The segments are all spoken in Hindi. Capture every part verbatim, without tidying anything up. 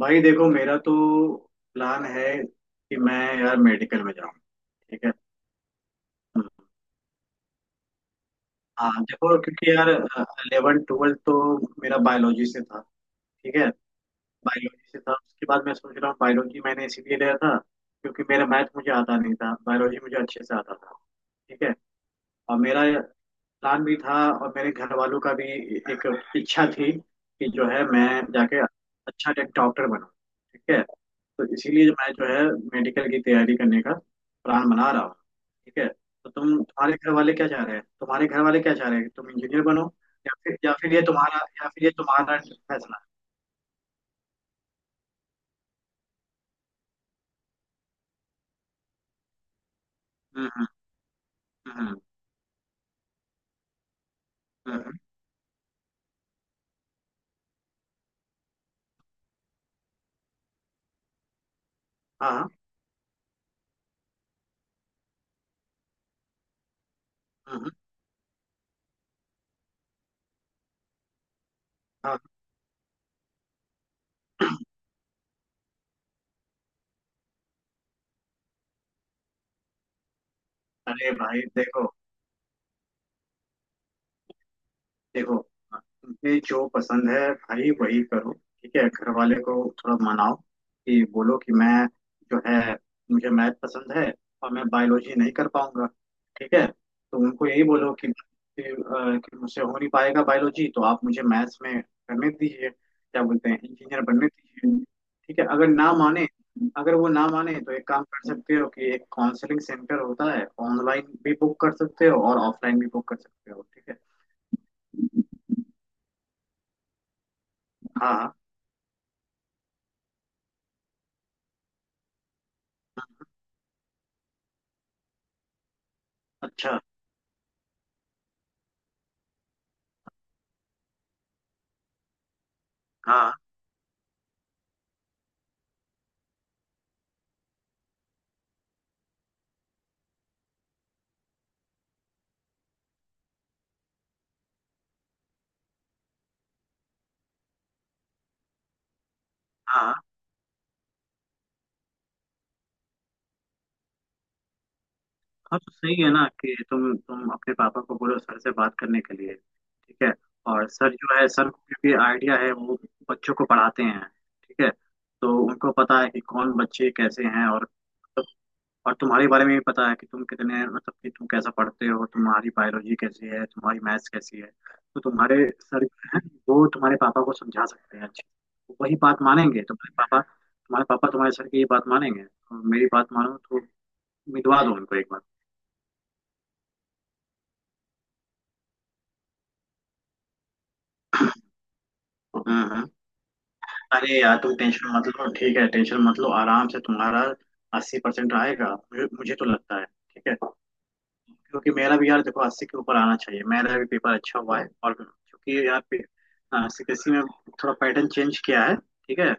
भाई देखो, मेरा तो प्लान है कि मैं यार मेडिकल में जाऊँ। ठीक है। हम्म, हाँ देखो क्योंकि यार इलेवन ट्वेल्थ तो मेरा बायोलॉजी से था। ठीक है, बायोलॉजी से था, उसके बाद मैं सोच रहा हूँ बायोलॉजी मैंने इसीलिए लिया था क्योंकि मेरा मैथ मुझे आता नहीं था, बायोलॉजी मुझे अच्छे से आता था। ठीक है। और मेरा प्लान भी था, और मेरे घर वालों का भी एक इच्छा थी कि जो है मैं जाके अच्छा एक डॉक्टर बनूं। ठीक है, तो इसीलिए मैं जो है मेडिकल की तैयारी करने का प्लान बना रहा हूँ। ठीक है। तो तुम तुम्हारे घर वाले क्या चाह रहे हैं, तुम्हारे घर वाले क्या चाह रहे हैं कि तुम इंजीनियर बनो? या फिर या फिर ये तुम्हारा या फिर ये तुम्हारा फैसला हम्म, हम्म, हम्म, हम्म, हाँ, हाँ, हम्म, हाँ। अरे भाई देखो, देखो, तुम्हें जो पसंद है भाई वही करो। ठीक है, घर वाले को थोड़ा मनाओ कि बोलो कि मैं जो है मुझे मैथ पसंद है, और मैं बायोलॉजी नहीं कर पाऊंगा। ठीक है, तो उनको यही बोलो कि, कि, अ, कि मुझसे हो नहीं पाएगा बायोलॉजी, तो आप मुझे मैथ्स में करने दीजिए, क्या बोलते हैं, इंजीनियर बनने दीजिए। ठीक है, अगर ना माने अगर वो ना माने तो एक काम कर सकते हो कि एक काउंसलिंग सेंटर होता है, ऑनलाइन भी बुक कर सकते हो और ऑफलाइन भी बुक कर सकते हो। ठीक है। हाँ, अच्छा, हाँ, हाँ, हाँ, तो सही है ना कि तुम तुम अपने पापा को बोलो सर से बात करने के लिए। ठीक है। और सर जो है, सर को क्योंकि आइडिया है, वो बच्चों को पढ़ाते हैं। ठीक है, तो उनको पता है कि कौन बच्चे कैसे हैं और मतलब- और तुम्हारे बारे में भी पता है कि तुम कितने मतलब कि तुम कैसा पढ़ते हो, तुम्हारी बायोलॉजी कैसी है, तुम्हारी मैथ्स कैसी है। तो तुम्हारे सर जो हैं, वो तुम्हारे पापा को समझा सकते हैं अच्छे। वो वही बात मानेंगे, तो तुम्हारे पापा तुम्हारे पापा तुम्हारे सर की ये बात मानेंगे। और मेरी बात मानो तो उम्मीदवार हो उनको एक बार। हम्म, हम्म। अरे यार तुम टेंशन मत लो। ठीक है, टेंशन मत लो, आराम से तुम्हारा अस्सी परसेंट आएगा, मुझे मुझे तो लगता है। ठीक है, क्योंकि मेरा भी यार देखो, अस्सी के ऊपर आना चाहिए, मेरा भी पेपर अच्छा हुआ है। और क्योंकि यार सी बी एस ई में थोड़ा पैटर्न चेंज किया है। ठीक है,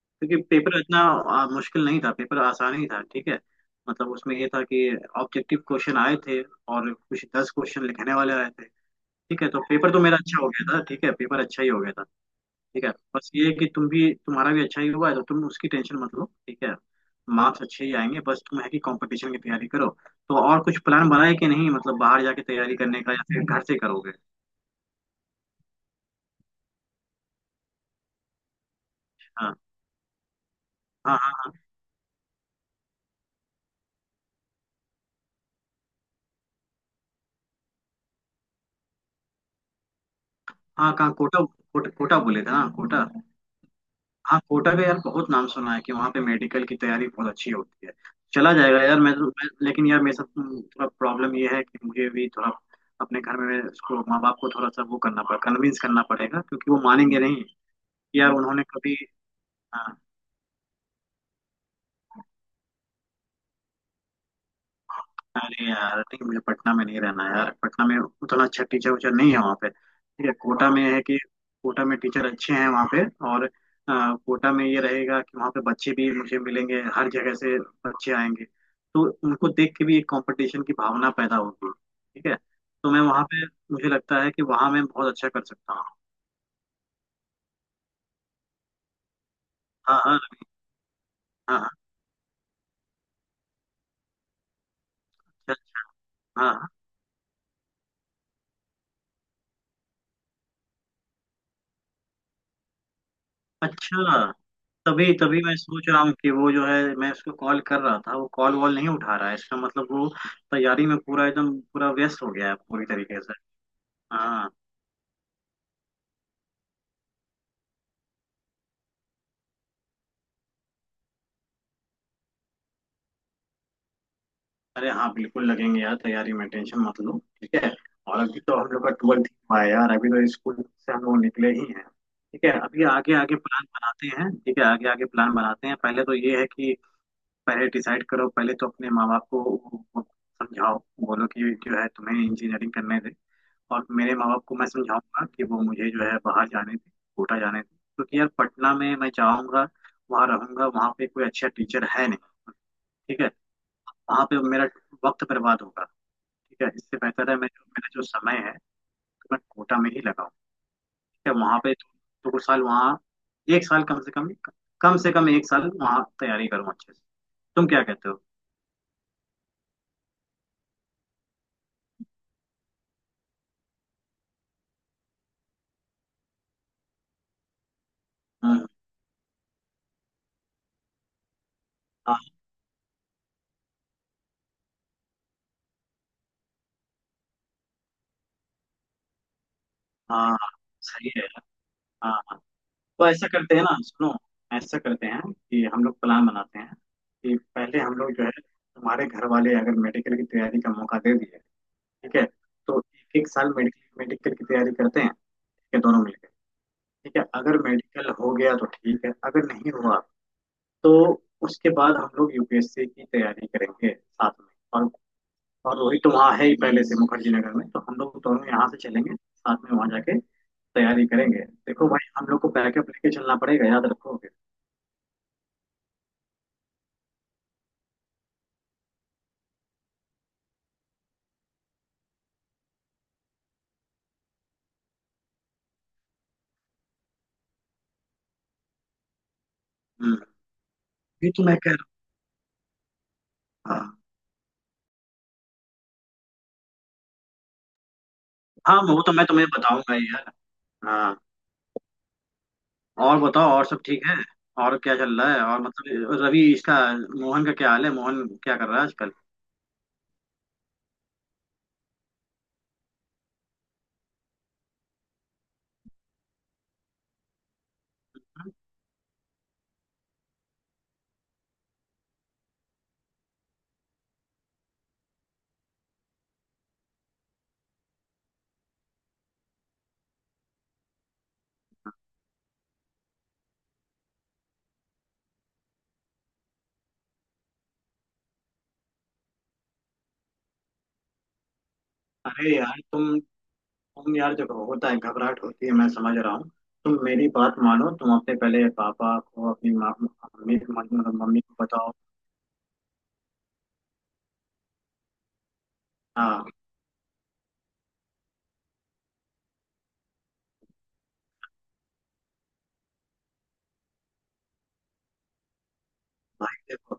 क्योंकि पेपर इतना आ, मुश्किल नहीं था, पेपर आसान ही था। ठीक है, मतलब उसमें ये था कि ऑब्जेक्टिव क्वेश्चन आए थे और कुछ दस क्वेश्चन लिखने वाले आए थे। ठीक है, तो पेपर तो मेरा अच्छा हो गया था। ठीक है, पेपर अच्छा ही हो गया था। ठीक है। बस ये है कि तुम भी तुम्हारा भी अच्छा ही हुआ है, तो तुम उसकी टेंशन मत लो। ठीक है, मार्क्स अच्छे ही आएंगे, बस तुम है कि कंपटीशन की तैयारी करो। तो और कुछ प्लान बनाए कि नहीं, मतलब बाहर जाके तैयारी करने का, या फिर घर से करोगे? हाँ, हाँ, हाँ, हाँ, हाँ, कहाँ? कोटा? कोटा, कोटा बोले थे ना? कोटा। हाँ, कोटा का यार बहुत नाम सुना है कि वहाँ पे मेडिकल की तैयारी बहुत अच्छी होती है। चला जाएगा यार मैं, तो- मैं, लेकिन यार मेरे साथ हम्म, थोड़ा प्रॉब्लम ये है कि मुझे भी थोड़ा अपने घर में उसको, माँ बाप को थोड़ा सा वो करना पड़ेगा, कन्विंस करना पड़ेगा, क्योंकि वो मानेंगे नहीं कि यार उन्होंने कभी। हाँ, अरे यार ठीक, मुझे पटना में नहीं रहना है यार, पटना में उतना अच्छा टीचर उचर नहीं है वहाँ पे। ठीक है, कोटा में है कि कोटा में टीचर अच्छे हैं वहाँ पे। और अ, कोटा में ये रहेगा कि वहाँ पे बच्चे भी मुझे मिलेंगे हर जगह से, बच्चे आएंगे, तो उनको देख के भी एक कंपटीशन की भावना पैदा होगी। ठीक है, तो मैं वहाँ पे, मुझे लगता है कि वहाँ मैं बहुत अच्छा कर सकता हूँ। हाँ, हाँ, हाँ, हाँ, अच्छा, हाँ, हाँ। अच्छा, तभी तभी मैं सोच रहा हूँ कि वो जो है मैं उसको कॉल कर रहा था, वो कॉल वॉल नहीं उठा रहा है, इसका मतलब वो तैयारी में पूरा एकदम पूरा व्यस्त हो गया है पूरी तरीके से। हाँ, अरे हाँ, बिल्कुल लगेंगे यार तैयारी में, टेंशन मत लो। ठीक है, और अभी तो हम लोग का ट्वेल्थ हुआ है यार, अभी तो स्कूल से हम लोग निकले ही हैं। ठीक है, अभी आगे आगे प्लान बनाते हैं। ठीक है, आगे आगे प्लान बनाते हैं, पहले तो ये है कि पहले डिसाइड करो, पहले तो अपने माँ बाप को वो- वो समझाओ, बोलो कि जो है तुम्हें इंजीनियरिंग करने दे। और मेरे माँ बाप को मैं समझाऊंगा कि वो मुझे जो है बाहर जाने दें, कोटा जाने दें। क्योंकि यार पटना में मैं जाऊंगा, वहाँ रहूंगा, वहाँ पे कोई अच्छा टीचर है नहीं। ठीक है, वहाँ पे मेरा वक्त बर्बाद होगा। ठीक है, इससे बेहतर है मैं जो मेरा जो समय है, तो मैं कोटा में ही लगाऊँ। ठीक है, वहाँ पे दो, दो साल वहाँ, एक साल कम से कम कम से कम एक साल वहाँ तैयारी करूँ अच्छे से। तुम क्या कहते हो? हम्म, हाँ, हाँ, सही है। हाँ, तो ऐसा करते हैं ना, सुनो, ऐसा करते हैं कि हम लोग प्लान बनाते हैं कि पहले हम लोग जो है तुम्हारे घर वाले अगर मेडिकल की तैयारी का मौका दे दिए। ठीक है, तो एक एक साल मेडिकल मेडिकल की तैयारी करते हैं। ठीक है, दोनों मिलकर। ठीक है, अगर मेडिकल हो गया तो ठीक है, अगर नहीं हुआ तो उसके बाद हम लोग यू पी एस सी की तैयारी करेंगे साथ में। और और रोहित तो वहाँ है ही पहले से मुखर्जी नगर में, तो हम लोग दोनों यहाँ से चलेंगे साथ में वहाँ जाके तैयारी करेंगे। देखो भाई हम लोग को बैकअप लेके चलना पड़ेगा, याद रखो। ये तो मैं कह रहा हूँ। हाँ, हाँ, वो तो मैं तुम्हें बताऊंगा ही यार। हाँ, और बताओ, और सब ठीक है? और क्या चल रहा है? और मतलब, रवि इसका मोहन का क्या हाल है? मोहन क्या कर रहा है आजकल? अरे यार तुम तुम यार जब होता है घबराहट होती है, मैं समझ रहा हूँ। तुम मेरी बात मानो, तुम अपने पहले पापा को, अपनी माँ मम्मी मतलब मम्मी को बताओ। हाँ भाई देखो,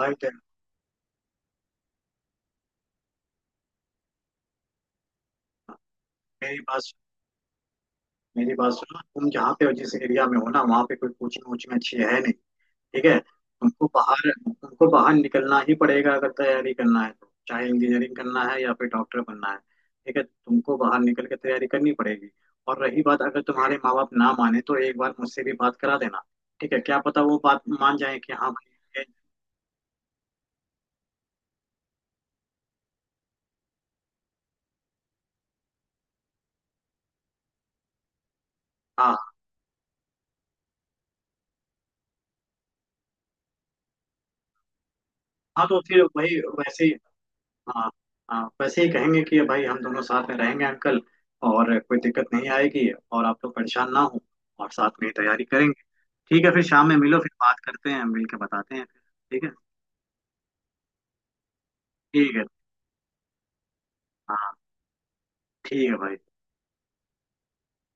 भाई देखो, मेरी बात सुनो, मेरी बात सुनो, तुम जहाँ पे जिस एरिया में हो ना, वहाँ पे कोई कोचिंग वोचिंग अच्छी है नहीं। ठीक है, तुमको बाहर तुमको बाहर निकलना ही पड़ेगा अगर तैयारी करना है तो, चाहे इंजीनियरिंग करना है या फिर डॉक्टर बनना है। ठीक है, तुमको बाहर निकल के तैयारी करनी पड़ेगी। और रही बात, अगर तुम्हारे माँ बाप ना माने तो एक बार मुझसे भी बात करा देना। ठीक है, क्या पता वो बात मान जाए कि हाँ भाई ये- हाँ, हाँ, तो फिर वही वैसे ही, हाँ, हाँ, वैसे ही कहेंगे कि भाई हम दोनों साथ में रहेंगे अंकल, और कोई दिक्कत नहीं आएगी, और आप तो परेशान ना हो, और साथ में ही तैयारी करेंगे। ठीक है, फिर शाम में मिलो, फिर बात करते हैं, मिल के बताते हैं फिर। ठीक है। ठीक है, हाँ, ठीक है भाई।